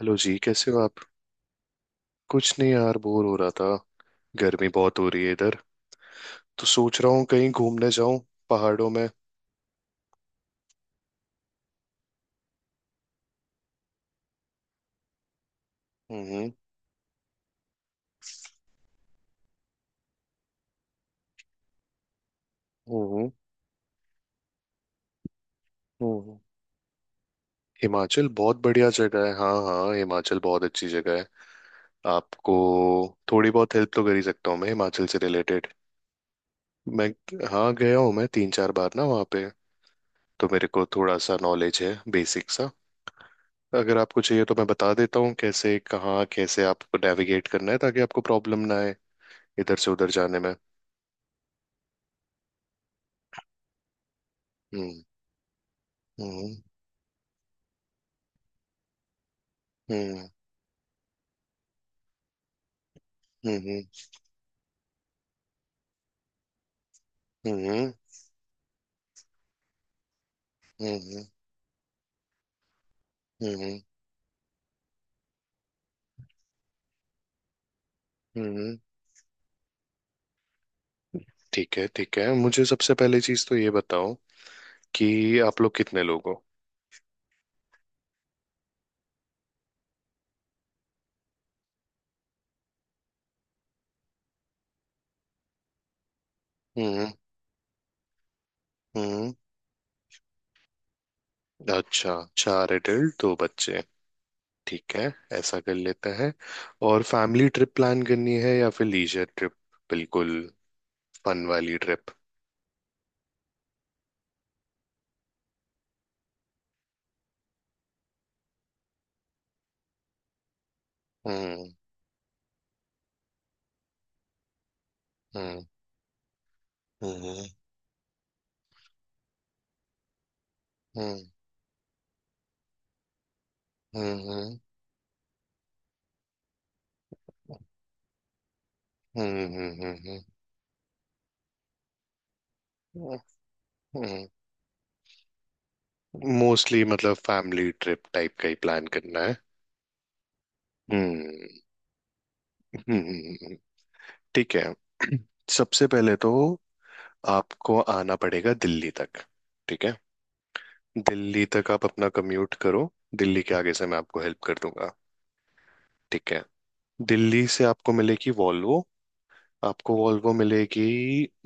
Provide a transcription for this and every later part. Hello जी, कैसे हो आप। कुछ नहीं यार, बोर हो रहा था। गर्मी बहुत हो रही है इधर, तो सोच रहा हूँ कहीं घूमने जाऊं पहाड़ों में। हम्म। हम्म। हम्म। हिमाचल बहुत बढ़िया जगह है। हाँ हाँ, हिमाचल बहुत अच्छी जगह है। आपको थोड़ी बहुत हेल्प तो कर ही सकता हूँ मैं हिमाचल से रिलेटेड। मैं हाँ, गया हूँ मैं 3-4 बार ना वहाँ पे। तो मेरे को थोड़ा सा नॉलेज है, बेसिक सा। अगर आपको चाहिए तो मैं बता देता हूँ कैसे कहाँ कैसे आपको नेविगेट करना है ताकि आपको प्रॉब्लम ना आए इधर से उधर जाने में। हम्म। हम्म। हम्म। हम्म। हम्म। हम्म। हम्म। हम्म। ठीक है, ठीक है, मुझे सबसे पहली चीज तो ये बताओ कि आप लोग कितने लोग हो। हम्म। हम्म। अच्छा, चार एडल्ट दो बच्चे। ठीक है, ऐसा कर लेते हैं। और फैमिली ट्रिप प्लान करनी है या फिर लीजर ट्रिप? बिल्कुल, फन वाली ट्रिप। हम्म। हम्म। हम्म। हम्म। हम्म। हम्म। हम्म। हम्म। हम्म। हम्म। हम्म। मोस्टली मतलब फैमिली ट्रिप टाइप का ही प्लान करना है। हम्म। हम्म। हम्म। हम्म। ठीक है। सबसे पहले तो आपको आना पड़ेगा दिल्ली तक। ठीक है। दिल्ली तक आप अपना कम्यूट करो। दिल्ली के आगे से मैं आपको हेल्प कर दूंगा। ठीक है। दिल्ली से आपको मिलेगी वॉल्वो। आपको वॉल्वो मिलेगी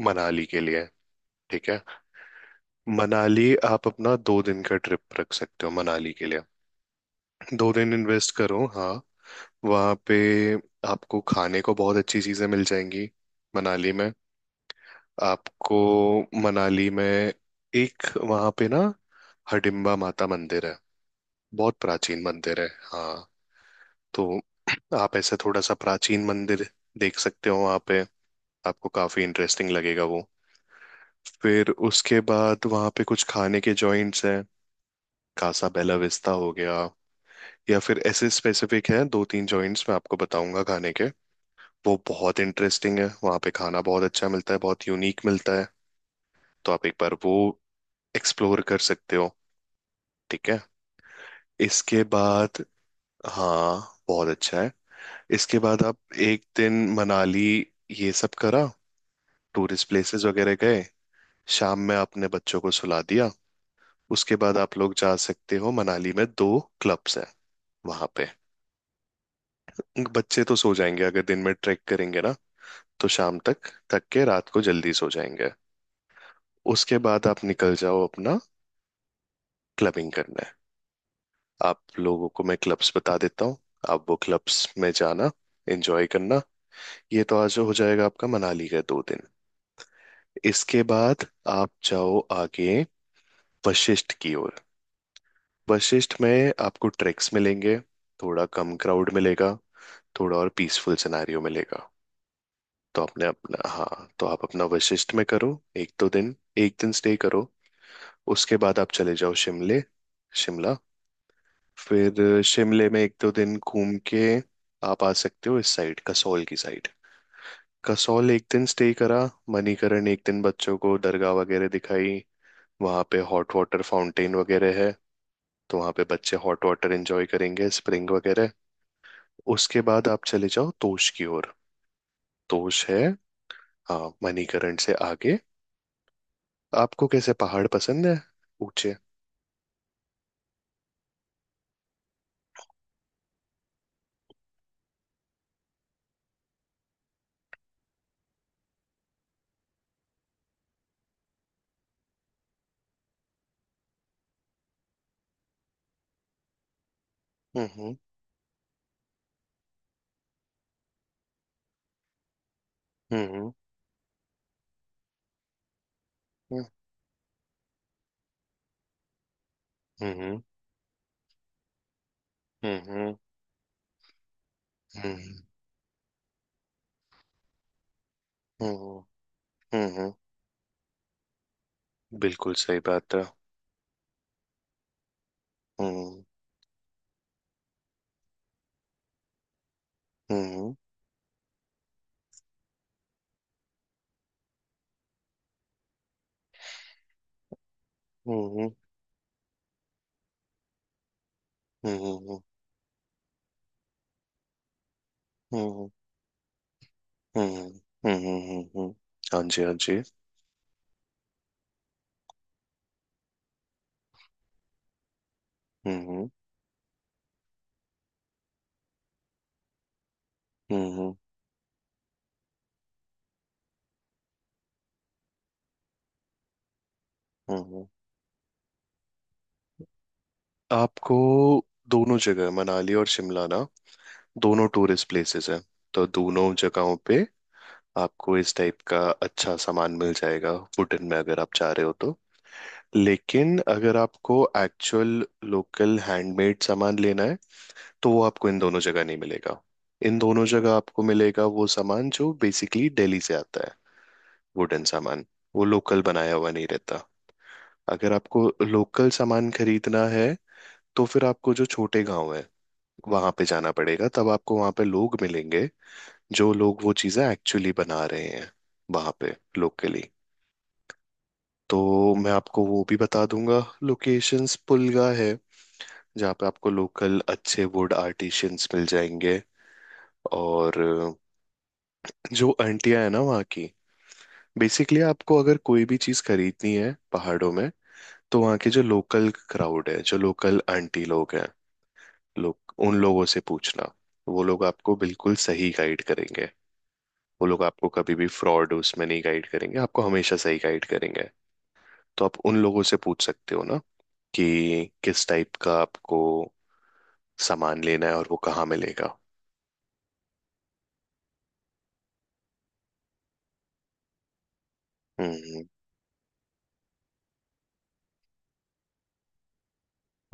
मनाली के लिए। ठीक है। मनाली आप अपना 2 दिन का ट्रिप रख सकते हो मनाली के लिए। 2 दिन इन्वेस्ट करो हाँ। वहाँ पे आपको खाने को बहुत अच्छी चीज़ें मिल जाएंगी मनाली में। आपको मनाली में एक वहाँ पे ना हडिम्बा माता मंदिर है, बहुत प्राचीन मंदिर है हाँ। तो आप ऐसे थोड़ा सा प्राचीन मंदिर देख सकते हो वहाँ पे। आपको काफ़ी इंटरेस्टिंग लगेगा वो। फिर उसके बाद वहाँ पे कुछ खाने के जॉइंट्स हैं। कासा बेला विस्ता हो गया, या फिर ऐसे स्पेसिफिक हैं दो तीन जॉइंट्स, मैं आपको बताऊंगा खाने के। वो बहुत इंटरेस्टिंग है, वहाँ पे खाना बहुत अच्छा मिलता है, बहुत यूनिक मिलता है। तो आप एक बार वो एक्सप्लोर कर सकते हो। ठीक है। इसके बाद हाँ, बहुत अच्छा है। इसके बाद आप एक दिन मनाली ये सब करा, टूरिस्ट प्लेसेस वगैरह गए, शाम में आपने बच्चों को सुला दिया। उसके बाद आप लोग जा सकते हो, मनाली में दो क्लब्स हैं वहाँ पे। बच्चे तो सो जाएंगे अगर दिन में ट्रैक करेंगे ना, तो शाम तक थक के रात को जल्दी सो जाएंगे। उसके बाद आप निकल जाओ अपना, क्लबिंग करना है। आप लोगों को मैं क्लब्स बता देता हूँ। आप वो क्लब्स में जाना, एंजॉय करना। ये तो आज हो जाएगा आपका मनाली का 2 दिन। इसके बाद आप जाओ आगे वशिष्ठ की ओर। वशिष्ठ में आपको ट्रैक्स मिलेंगे, थोड़ा कम क्राउड मिलेगा, थोड़ा और पीसफुल सिनेरियो मिलेगा। तो आपने अपना हाँ, तो आप अपना वशिष्ठ में करो एक दिन स्टे करो। उसके बाद आप चले जाओ शिमले, शिमला। फिर शिमले में 1-2 दिन घूम के आप आ सकते हो इस साइड, कसौल की साइड। कसौल एक दिन स्टे करा, मणिकरण एक दिन बच्चों को दरगाह वगैरह दिखाई। वहाँ पे हॉट वाटर फाउंटेन वगैरह है, तो वहाँ पे बच्चे हॉट वाटर एंजॉय करेंगे, स्प्रिंग वगैरह। उसके बाद आप चले जाओ तोश की ओर। तोश है हाँ, मणिकरण से आगे। आपको कैसे पहाड़ पसंद है, ऊंचे? हम्म। हम्म। हम्म। हम्म। हम्म। हम्म। हम्म। हम्म। हम्म। हम्म। हम्म। बिल्कुल सही बात है। Hı। Hı। Hı। Hı। Hı। Hı। Hı। Hı। Hı। Hı। Hı। Hı। हाँ जी, हाँ जी। हम्म। हम्म। हम्म। आपको दोनों जगह, मनाली और शिमला ना, दोनों टूरिस्ट प्लेसेस हैं, तो दोनों जगहों पे आपको इस टाइप का अच्छा सामान मिल जाएगा, वुडन में अगर आप चाह रहे हो तो। लेकिन अगर आपको एक्चुअल लोकल हैंडमेड सामान लेना है, तो वो आपको इन दोनों जगह नहीं मिलेगा। इन दोनों जगह आपको मिलेगा वो सामान जो बेसिकली दिल्ली से आता है, वुडन सामान। वो लोकल बनाया हुआ नहीं रहता। अगर आपको लोकल सामान खरीदना है, तो फिर आपको जो छोटे गांव है वहां पे जाना पड़ेगा। तब आपको वहां पे लोग मिलेंगे जो लोग वो चीजें एक्चुअली बना रहे हैं वहां पे लोकली। तो मैं आपको वो भी बता दूंगा लोकेशंस, पुलगा है जहाँ पे आपको लोकल अच्छे वुड आर्टिशियंस मिल जाएंगे। और जो आंटियां है ना वहाँ की, बेसिकली आपको अगर कोई भी चीज खरीदनी है पहाड़ों में, तो वहाँ के जो लोकल क्राउड है, जो लोकल आंटी लोग हैं, लोग उन लोगों से पूछना। वो लोग आपको बिल्कुल सही गाइड करेंगे। वो लोग आपको कभी भी फ्रॉड उसमें नहीं गाइड करेंगे, आपको हमेशा सही गाइड करेंगे। तो आप उन लोगों से पूछ सकते हो ना, कि किस टाइप का आपको सामान लेना है और वो कहाँ मिलेगा। हम्म।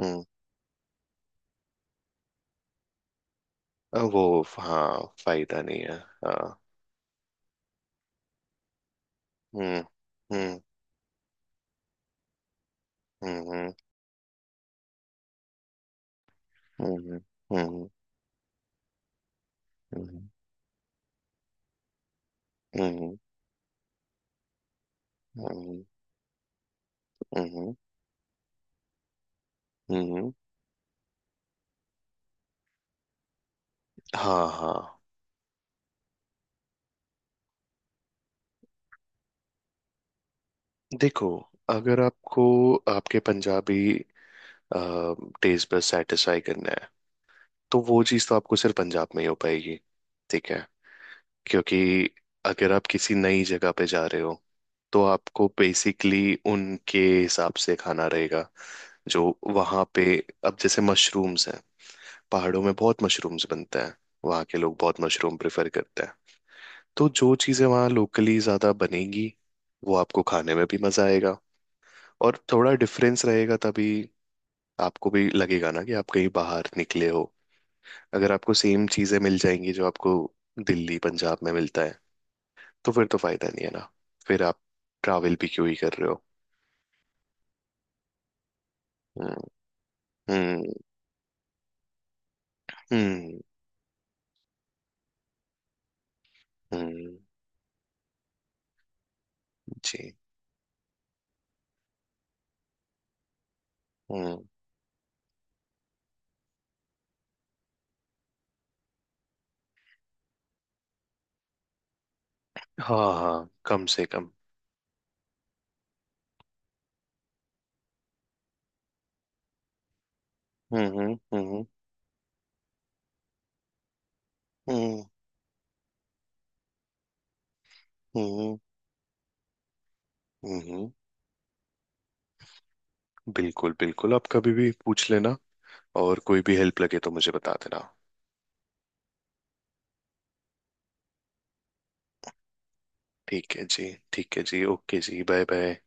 हम्म। वो हाँ, फायदा नहीं है। हाँ। हम्म। हम्म। हम्म। हम्म। हम्म। हम्म। हम्म। हम्म। हम्म। हम्म। हम्म। हाँ हाँ। देखो, अगर आपको आपके पंजाबी टेस्ट पर सेटिस्फाई करना है, तो वो चीज़ तो आपको सिर्फ पंजाब में ही हो पाएगी। ठीक है। क्योंकि अगर आप किसी नई जगह पे जा रहे हो, तो आपको बेसिकली उनके हिसाब से खाना रहेगा जो वहाँ पे। अब जैसे मशरूम्स हैं, पहाड़ों में बहुत मशरूम्स बनते हैं, वहाँ के लोग बहुत मशरूम प्रेफर करते हैं। तो जो चीज़ें वहाँ लोकली ज़्यादा बनेगी, वो आपको खाने में भी मज़ा आएगा, और थोड़ा डिफरेंस रहेगा, तभी आपको भी लगेगा ना कि आप कहीं बाहर निकले हो। अगर आपको सेम चीजें मिल जाएंगी जो आपको दिल्ली पंजाब में मिलता है, तो फिर तो फायदा नहीं है ना, फिर आप ट्रैवल भी क्यों ही कर रहे हो। हम्म। हम्म। हम्म। हम्म। जी। हम्म। हाँ हाँ, कम से कम। हम्म। हम्म। हम्म। हम्म। हम्म। हम्म। बिल्कुल, बिल्कुल, आप कभी भी पूछ लेना। और कोई भी हेल्प लगे तो मुझे बता देना। ठीक है जी, ठीक है जी, ओके जी, बाय बाय।